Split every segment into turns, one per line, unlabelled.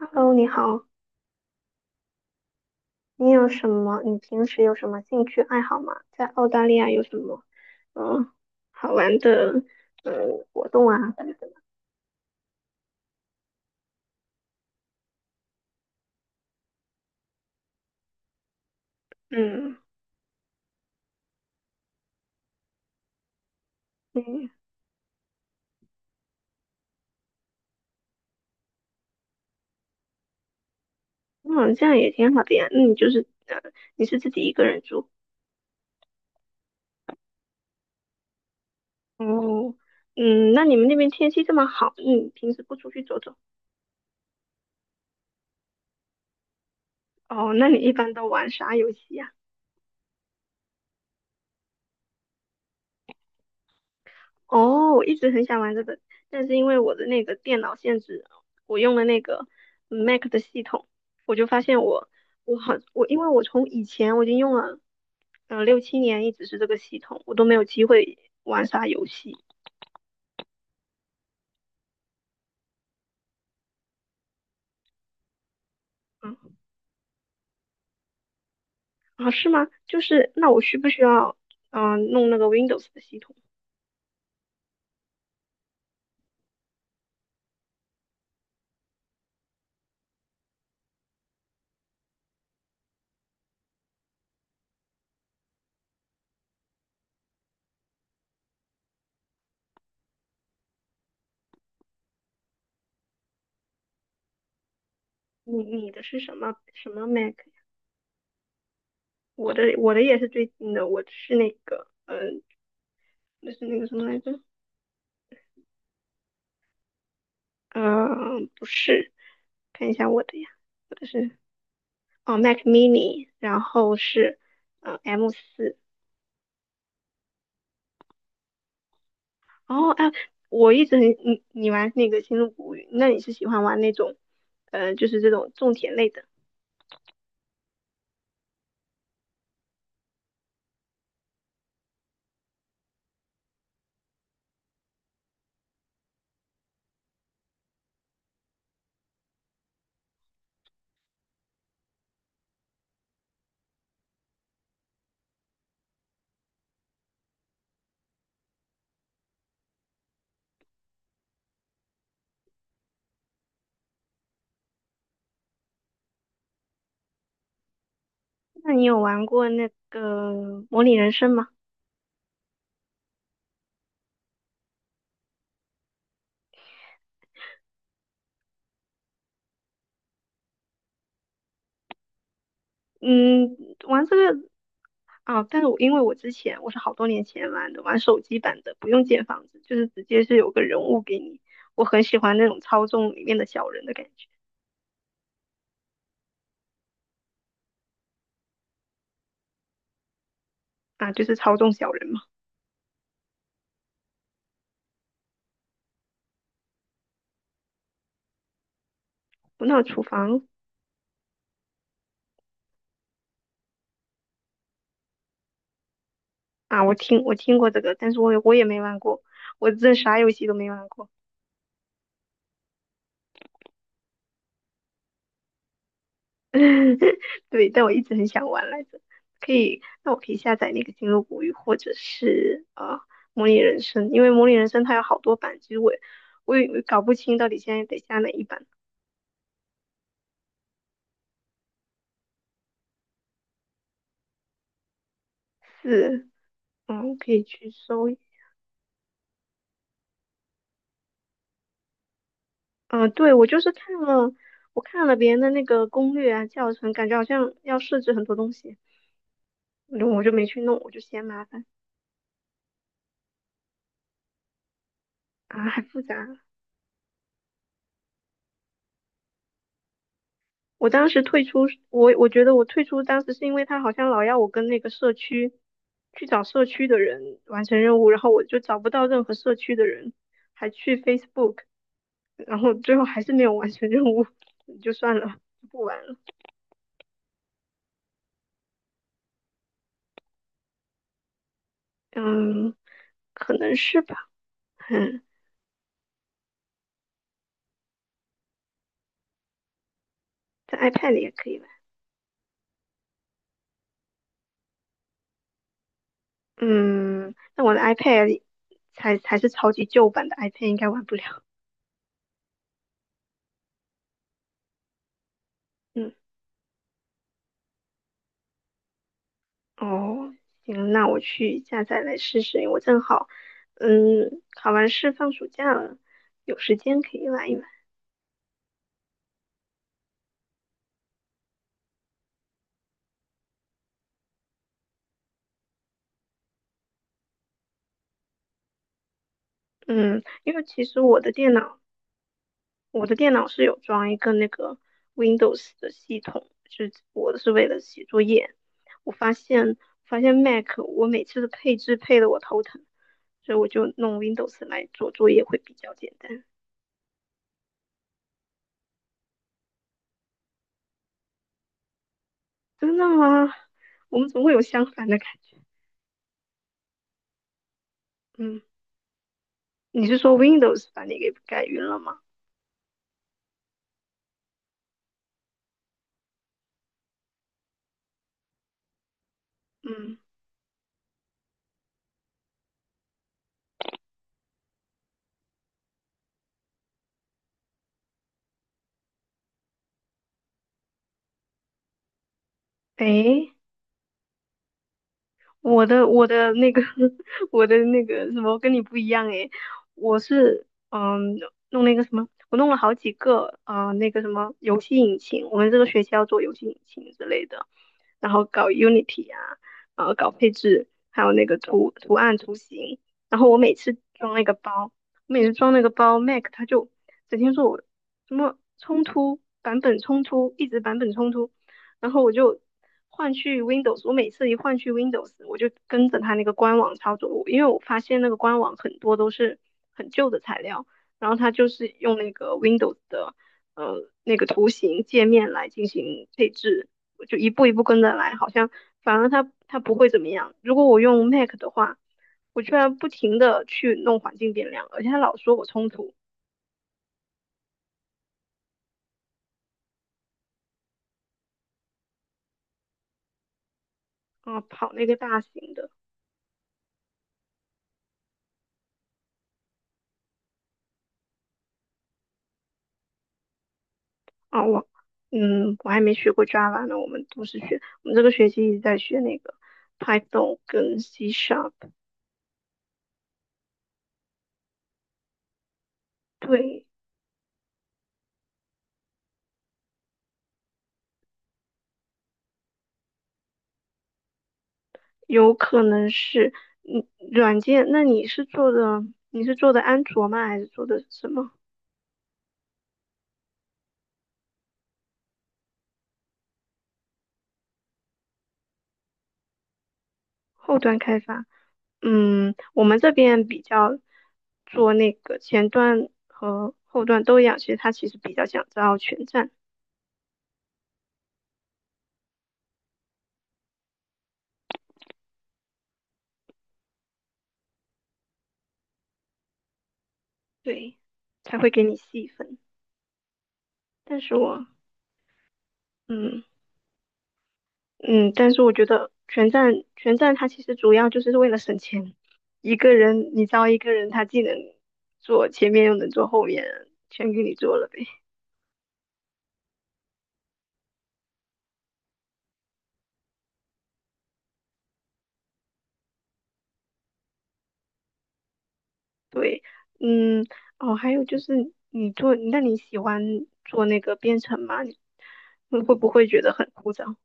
Hello，你好，你有什么？你平时有什么兴趣爱好吗？在澳大利亚有什么嗯好玩的活动啊？嗯嗯，嗯，这样也挺好的呀。那你就是呃，你是自己一个人住？哦，嗯，那你们那边天气这么好，你平时不出去走走？哦，那你一般都玩啥游戏呀？哦，我一直很想玩这个，但是因为我的那个电脑限制，我用了那个 Mac 的系统，我就发现我我好我因为我从以前已经用了六七年，一直是这个系统，我都没有机会玩啥游戏。嗯，啊是吗？就是那我需不需要弄那个 Windows 的系统？你的是什么 Mac？我的也是最近的，我是那个那是那个什么来着？嗯，不是，看一下我的呀，我的是哦，Mac mini，然后是M4。哦，哎，我一直很你玩那个《星露谷物语》，那你是喜欢玩那种，就是这种种田类的？那你有玩过那个《模拟人生》吗？嗯，玩这个啊，但是我因为我之前是好多年前玩的，玩手机版的，不用建房子，就是直接是有个人物给你，我很喜欢那种操纵里面的小人的感觉。啊，就是操纵小人嘛。不闹厨房啊，我听过这个，但是我也没玩过，我真的啥游戏都没玩过。对，但我一直很想玩来着。可以，那我可以下载那个《星露谷雨》或者是模拟人生》，因为模拟人生它有好多版，其实我也搞不清到底现在得下哪一版。是，嗯，可以去搜一嗯，对，我就是看了，我看了别人的那个攻略啊、教程，感觉好像要设置很多东西，我就没去弄，我就嫌麻烦。啊，还复杂。我当时退出，我觉得我退出当时是因为他好像老要我跟那个社区去找社区的人完成任务，然后我就找不到任何社区的人，还去 Facebook，然后最后还是没有完成任务，就算了，不玩了。嗯，可能是吧。嗯，在 iPad 里也可以玩。嗯，但我的 iPad 里才是超级旧版的 iPad，应该玩不了。嗯。哦，行，那我去下载来试试。我正好，考完试放暑假了，有时间可以玩一玩。嗯，因为其实我的电脑是有装一个那个 Windows 的系统，就是我是为了写作业。我发现 Mac 我每次的配置配得我头疼，所以我就弄 Windows 来做作业会比较简单。真的吗？我们怎么会有相反的感觉？嗯，你是说 Windows 把你给改晕了吗？嗯，诶，我的那个 我的那个什么跟你不一样诶，我是弄那个什么，我弄了好几个那个什么游戏引擎，我们这个学期要做游戏引擎之类的，然后搞 Unity 啊，搞配置，还有那个图案图形，然后我每次装那个包，每次装那个包，Mac 它就整天说我什么冲突版本冲突，一直版本冲突。然后我就换去 Windows，我每次一换去 Windows，我就跟着它那个官网操作，因为我发现那个官网很多都是很旧的材料，然后它就是用那个 Windows 的那个图形界面来进行配置，我就一步一步跟着来，好像反而它不会怎么样。如果我用 Mac 的话，我居然不停的去弄环境变量，而且它老说我冲突啊、跑那个大型的，啊，我还没学过 Java 呢，我们这个学期一直在学那个 Python 跟 C#。对，有可能是，软件。那你是做的，你是做的安卓吗？还是做的什么后端开发？嗯，我们这边比较做那个前端和后端都一样，其实它其实比较想招全站，对，才会给你细分。但是我，嗯。嗯，但是我觉得全站它其实主要就是为了省钱。一个人你招一个人，他既能做前面又能做后面，全给你做了呗。对，嗯，哦，还有就是那你喜欢做那个编程吗？你会不会觉得很枯燥？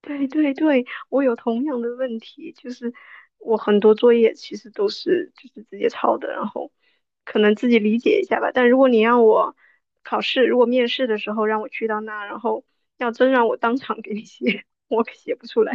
对对对，我有同样的问题，就是我很多作业其实都是就是直接抄的，然后可能自己理解一下吧。但如果你让我考试，如果面试的时候让我去到那，然后要真让我当场给你写，我可写不出来。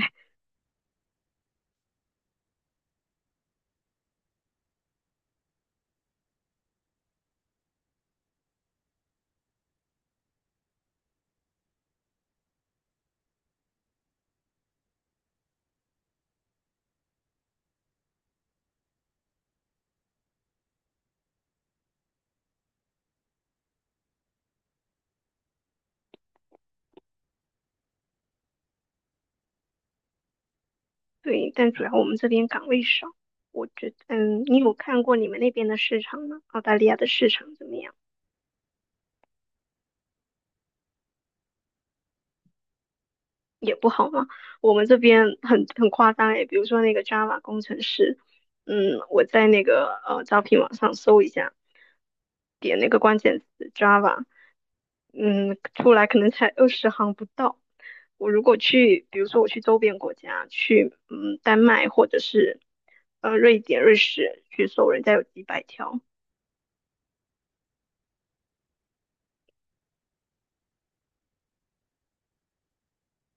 对，但主要我们这边岗位少，我觉得，你有看过你们那边的市场吗？澳大利亚的市场怎么样？也不好嘛。我们这边很夸张诶，比如说那个 Java 工程师，我在那个招聘网上搜一下，点那个关键词 Java，出来可能才20行不到。我如果去，比如说我去周边国家，去丹麦或者是瑞典、瑞士去搜，人家有几百条。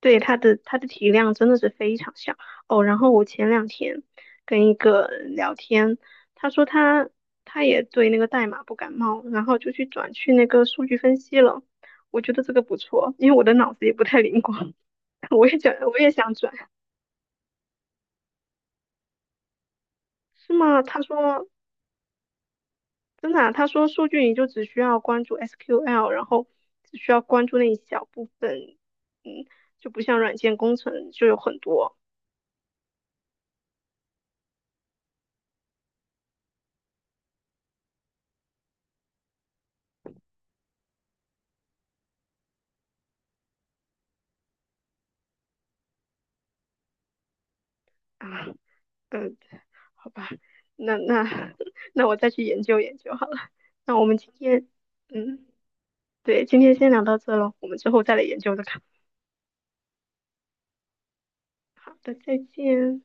对，它的体量真的是非常小哦。然后我前两天跟一个聊天，他说他也对那个代码不感冒，然后就去转去那个数据分析了。我觉得这个不错，因为我的脑子也不太灵光，我也想转，是吗？他说真的啊？他说数据你就只需要关注 SQL，然后只需要关注那一小部分，嗯，就不像软件工程就有很多啊，嗯，好吧，那 那我再去研究研究好了。那我们今天，嗯，对，今天先聊到这了，我们之后再来研究这个。好的，再见。